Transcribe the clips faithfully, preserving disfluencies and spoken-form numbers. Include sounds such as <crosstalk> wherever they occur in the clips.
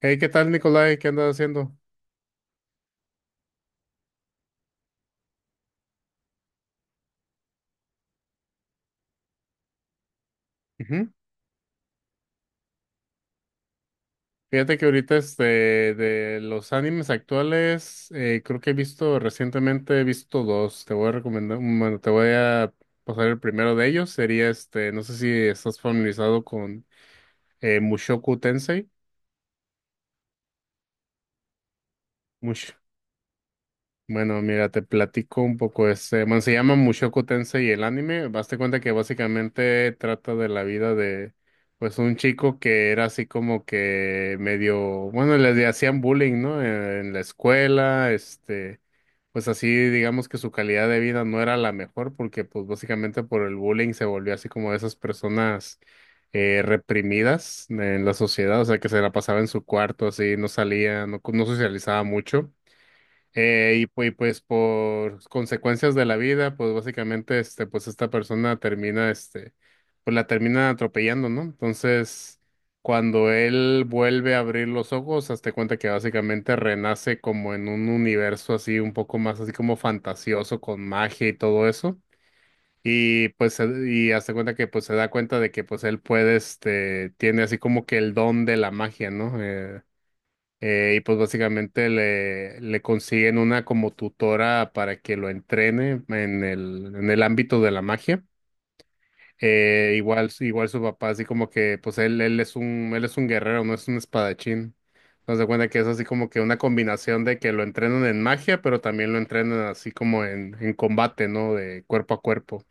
Hey, ¿qué tal, Nicolai? ¿Qué andas haciendo? Ujú. Fíjate que ahorita este, de los animes actuales, eh, creo que he visto recientemente, he visto dos. Te voy a recomendar, bueno, te voy a pasar el primero de ellos. Sería este, no sé si estás familiarizado con eh, Mushoku Tensei. Bueno, mira, te platico un poco. Este, bueno, se llama Mushoku Tensei el anime. Baste cuenta que básicamente trata de la vida de, pues, un chico que era así como que medio, bueno, le hacían bullying, ¿no? En, en la escuela, este, pues así, digamos que su calidad de vida no era la mejor porque, pues, básicamente por el bullying se volvió así como de esas personas eh, reprimidas en la sociedad, o sea, que se la pasaba en su cuarto, así, no salía, no no socializaba mucho. Eh, y, pu- y pues por consecuencias de la vida, pues básicamente este, pues esta persona termina, este, pues la termina atropellando, ¿no? Entonces, cuando él vuelve a abrir los ojos, hazte cuenta que básicamente renace como en un universo así un poco más así como fantasioso con magia y todo eso. Y pues se- y hazte cuenta que pues se da cuenta de que pues él puede, este, tiene así como que el don de la magia, ¿no? Eh, eh, y pues básicamente le, le consiguen una como tutora para que lo entrene en el, en el ámbito de la magia. Eh, igual, su- igual su papá, así como que, pues él, él es un, él es un guerrero, no es un espadachín. Entonces se cuenta que es así como que una combinación de que lo entrenan en magia, pero también lo entrenan así como en, en combate, ¿no? De cuerpo a cuerpo.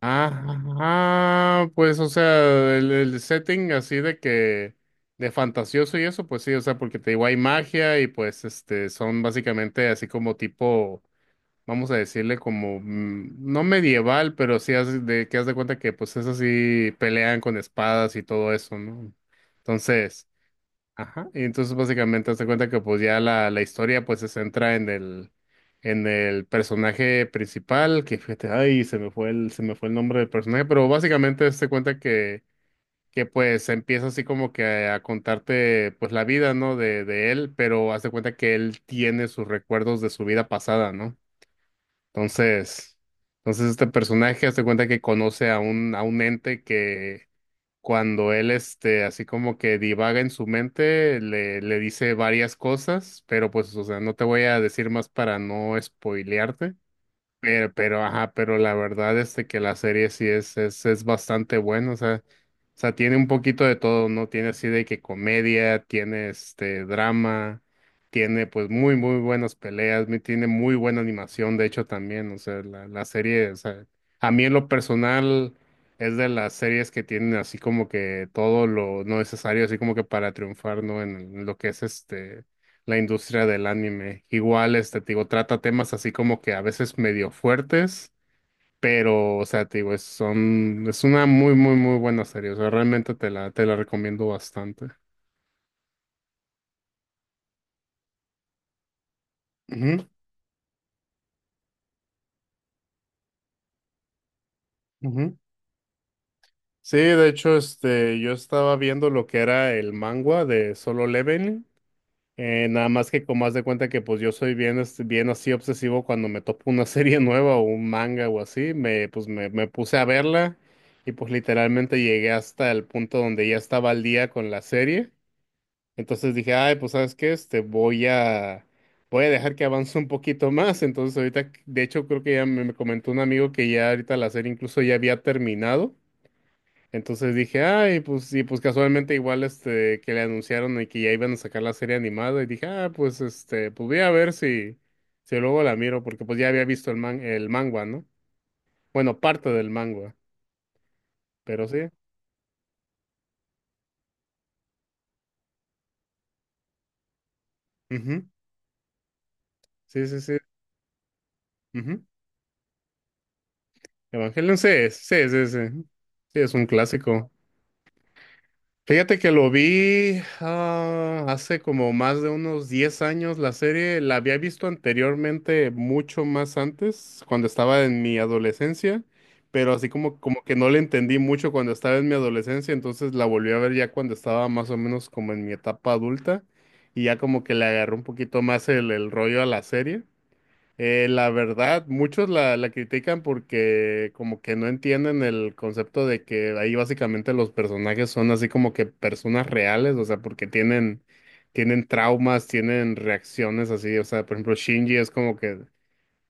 Ah, ah, pues, o sea, el, el setting así de que, de fantasioso y eso, pues sí, o sea, porque te digo, hay magia y pues, este, son básicamente así como tipo, vamos a decirle como, mm, no medieval, pero sí haz de, que haz de cuenta que, pues, es así, pelean con espadas y todo eso, ¿no? Entonces, ajá. Y entonces básicamente hazte cuenta que pues ya la, la historia pues se centra en el en el personaje principal, que fíjate, ay, se me fue el, se me fue el nombre del personaje, pero básicamente hazte cuenta que, que pues empieza así como que a, contarte pues la vida, ¿no? De, de él, pero hazte cuenta que él tiene sus recuerdos de su vida pasada, ¿no? Entonces, entonces este personaje hazte cuenta que conoce a un, a un ente que cuando él, este, así como que divaga en su mente, le, le dice varias cosas, pero pues, o sea, no te voy a decir más para no spoilearte. Pero, pero, ajá, pero la verdad este que la serie sí es, es, es bastante buena, o sea, o sea, tiene un poquito de todo, ¿no? Tiene así de que comedia, tiene este drama, tiene pues muy, muy buenas peleas, me- tiene muy buena animación, de hecho también, o sea, la, la serie, o sea, a mí en lo personal es de las series que tienen así como que todo lo necesario, así como que para triunfar, ¿no? En lo que es este la industria del anime. Igual, este, te digo, trata temas así como que a veces medio fuertes, pero, o sea, te digo, es, son, es una muy, muy, muy buena serie. O sea, realmente te la, te la recomiendo bastante. Ujú, ujú. Sí, de hecho, este, yo estaba viendo lo que era el manga de Solo Leveling. Eh, nada más que como haz de cuenta que pues yo soy bien, este, bien así obsesivo cuando me topo una <laughs> serie nueva o un manga o así, me, pues me, me puse a verla y pues literalmente llegué hasta el punto donde ya estaba al día con la serie. Entonces dije, ay, pues ¿sabes qué? Este, voy a, voy a dejar que avance un poquito más. Entonces ahorita, de hecho creo que ya me, me comentó un amigo que ya ahorita la serie incluso ya había terminado. Entonces dije, ay, pues, y pues casualmente igual este que le anunciaron y que ya iban a sacar la serie animada, y dije, ah, pues este, pues voy a ver si, si luego la miro, porque pues ya había visto el man, el manga, ¿no? Bueno, parte del manga, pero sí, ujú. Sí, sí, sí, ujú. Evangelion sí es, sí, sí, sí. Sí, es un clásico. Fíjate que lo vi ah, hace como más de unos diez años la serie, la había visto anteriormente mucho más antes, cuando estaba en mi adolescencia, pero así como, como que no le entendí mucho cuando estaba en mi adolescencia, entonces la volví a ver ya cuando estaba más o menos como en mi etapa adulta y ya como que le agarró un poquito más el, el rollo a la serie. Eh, la verdad, muchos la, la critican porque como que no entienden el concepto de que ahí básicamente los personajes son así como que personas reales, o sea, porque tienen, tienen traumas, tienen reacciones así, o sea, por ejemplo, Shinji es como que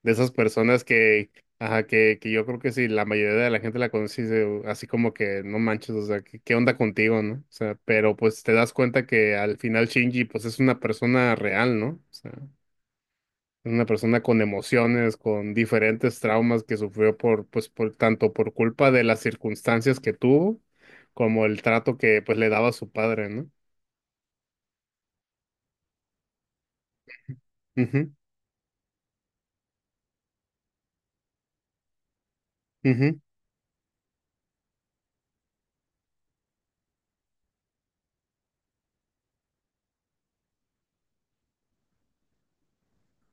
de esas personas que, ajá, que, que yo creo que si la mayoría de la gente la conoce, dice, "Oh, así como que no manches, o sea, ¿qué, ¿qué onda contigo, no? O sea, pero pues te das cuenta que al final Shinji pues es una persona real, ¿no? O sea una persona con emociones, con diferentes traumas que sufrió por, pues, por tanto por culpa de las circunstancias que tuvo, como el trato que pues le daba su padre, ¿no? Ujú, ujú,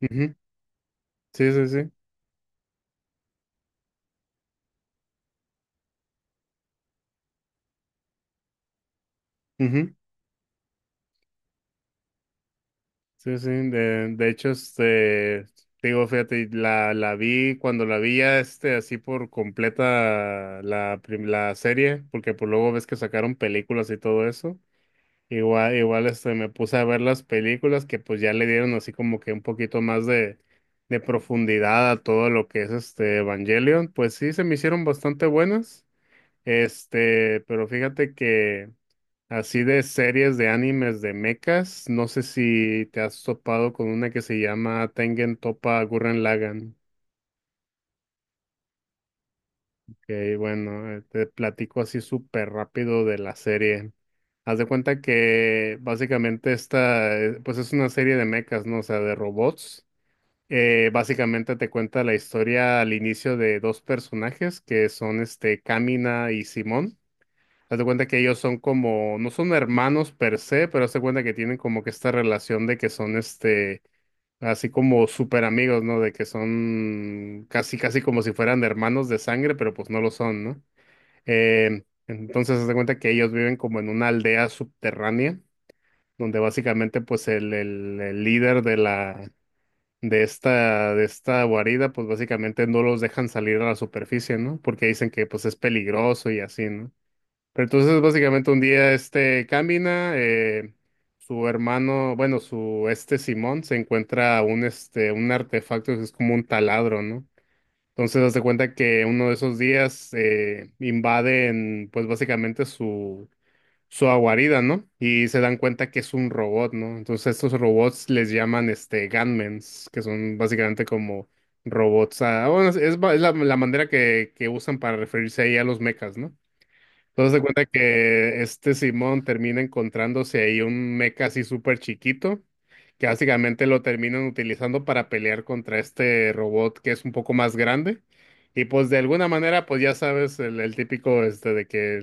ujú. Sí, sí, sí. Ujú. Sí, sí. De, de hecho, este, digo, fíjate, la, la vi cuando la vi ya este, así por completa la, prim- la serie, porque pues luego ves que sacaron películas y todo eso. Igual, igual este, me puse a ver las películas que pues ya le dieron así como que un poquito más de, de profundidad a todo lo que es este Evangelion. Pues sí, se me hicieron bastante buenas. Este, pero fíjate que así de series de animes de mechas, no sé si te has topado con una que se llama Tengen Toppa Gurren Lagann. Ok, bueno, eh, te platico así súper rápido de la serie. Haz de cuenta que básicamente esta, eh, pues es una serie de mechas, ¿no? O sea, de robots. Eh, básicamente te cuenta la historia al inicio de dos personajes que son este, Kamina y Simón. Haz de cuenta que ellos son como, no son hermanos per se, pero haz de cuenta que tienen como que esta relación de que son este, así como súper amigos, ¿no? De que son casi, casi como si fueran hermanos de sangre, pero pues no lo son, ¿no? Eh, entonces, se da cuenta que ellos viven como en una aldea subterránea, donde básicamente, pues, el, el- el líder de la, de esta, de esta guarida, pues, básicamente no los dejan salir a la superficie, ¿no? Porque dicen que, pues, es peligroso y así, ¿no? Pero entonces, básicamente, un día, este, camina, eh, su hermano, bueno, su, este Simón, se encuentra un, este, un artefacto que es como un taladro, ¿no? Entonces, haz de cuenta que uno de esos días eh, invaden, pues básicamente su, su guarida, ¿no? Y se dan cuenta que es un robot, ¿no? Entonces, estos robots les llaman este Gunmans, que son básicamente como robots. Ah, bueno, es, es ba- es la, la manera que, que usan para referirse ahí a los mechas, ¿no? Entonces se cuenta que este Simón termina encontrándose ahí un mecha así súper chiquito, que básicamente lo terminan utilizando para pelear contra este robot que es un poco más grande. Y pues de alguna manera, pues ya sabes, el, el típico este de que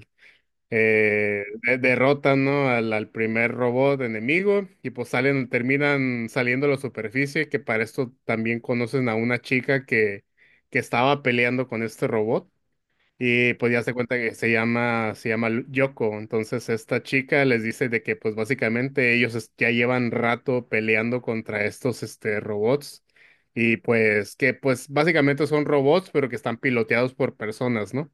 eh, de- derrotan, ¿no? al, al primer robot enemigo y pues salen, terminan saliendo a la superficie, que para esto también conocen a una chica que, que estaba peleando con este robot. Y pues ya se cuenta que se llama, se llama Lu- Yoko. Entonces esta chica les dice de que pues básicamente ellos es- ya llevan rato peleando contra estos este, robots. Y pues que pues básicamente son robots, pero que están piloteados por personas, ¿no?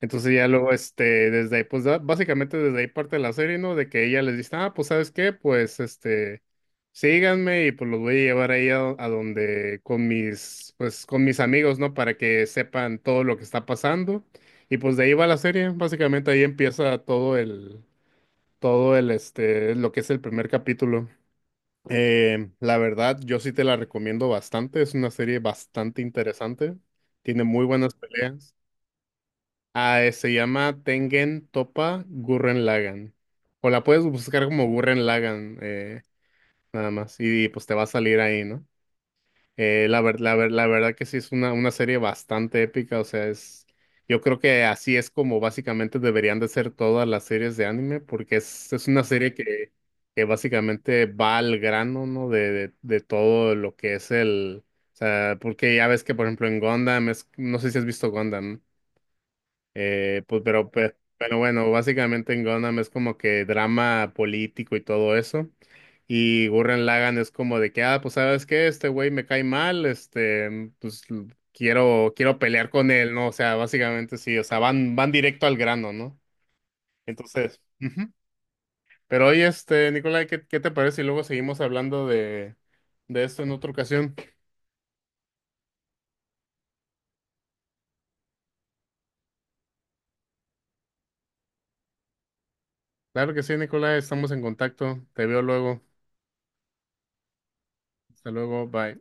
Entonces ya luego, este, desde ahí, pues da- básicamente desde ahí parte la serie, ¿no? De que ella les dice, ah, pues ¿sabes qué? Pues, este, síganme y pues los voy a llevar ahí a, a donde, con mis, pues con mis amigos, ¿no? Para que sepan todo lo que está pasando. Y pues de ahí va la serie, básicamente ahí empieza todo el, todo el, este, lo que es el primer capítulo. Eh, la verdad, yo sí te la recomiendo bastante, es una serie bastante interesante, tiene muy buenas peleas. Ah, eh, se llama Tengen Toppa Gurren Lagann. O la puedes buscar como Gurren Lagann, eh, nada más. Y, y, pues te va a salir ahí, ¿no? Eh, la, ver- la, ver- la verdad que sí es una, una serie bastante épica. O sea, es. Yo creo que así es como básicamente deberían de ser todas las series de anime, porque es, es una serie que, que básicamente va al grano, ¿no? De, de, de todo lo que es el. O sea, porque ya ves que, por ejemplo, en Gundam, es, no sé si has visto Gundam, ¿no? Eh, pues, pero, pues, pero bueno, básicamente en Gundam es como que drama político y todo eso. Y Gurren Lagann es como de que, ah, pues sabes qué, este güey me cae mal, este, mm, pues l- quiero, quiero pelear con él, ¿no? O sea, básicamente sí, o sea, van, van directo al grano, ¿no? Entonces, ujú. Pero oye, este, Nicolai, ¿qué, ¿qué te parece? Y luego seguimos hablando de, de esto en otra ocasión. Claro que sí, Nicolai, estamos en contacto. Te veo luego. Hasta luego, bye.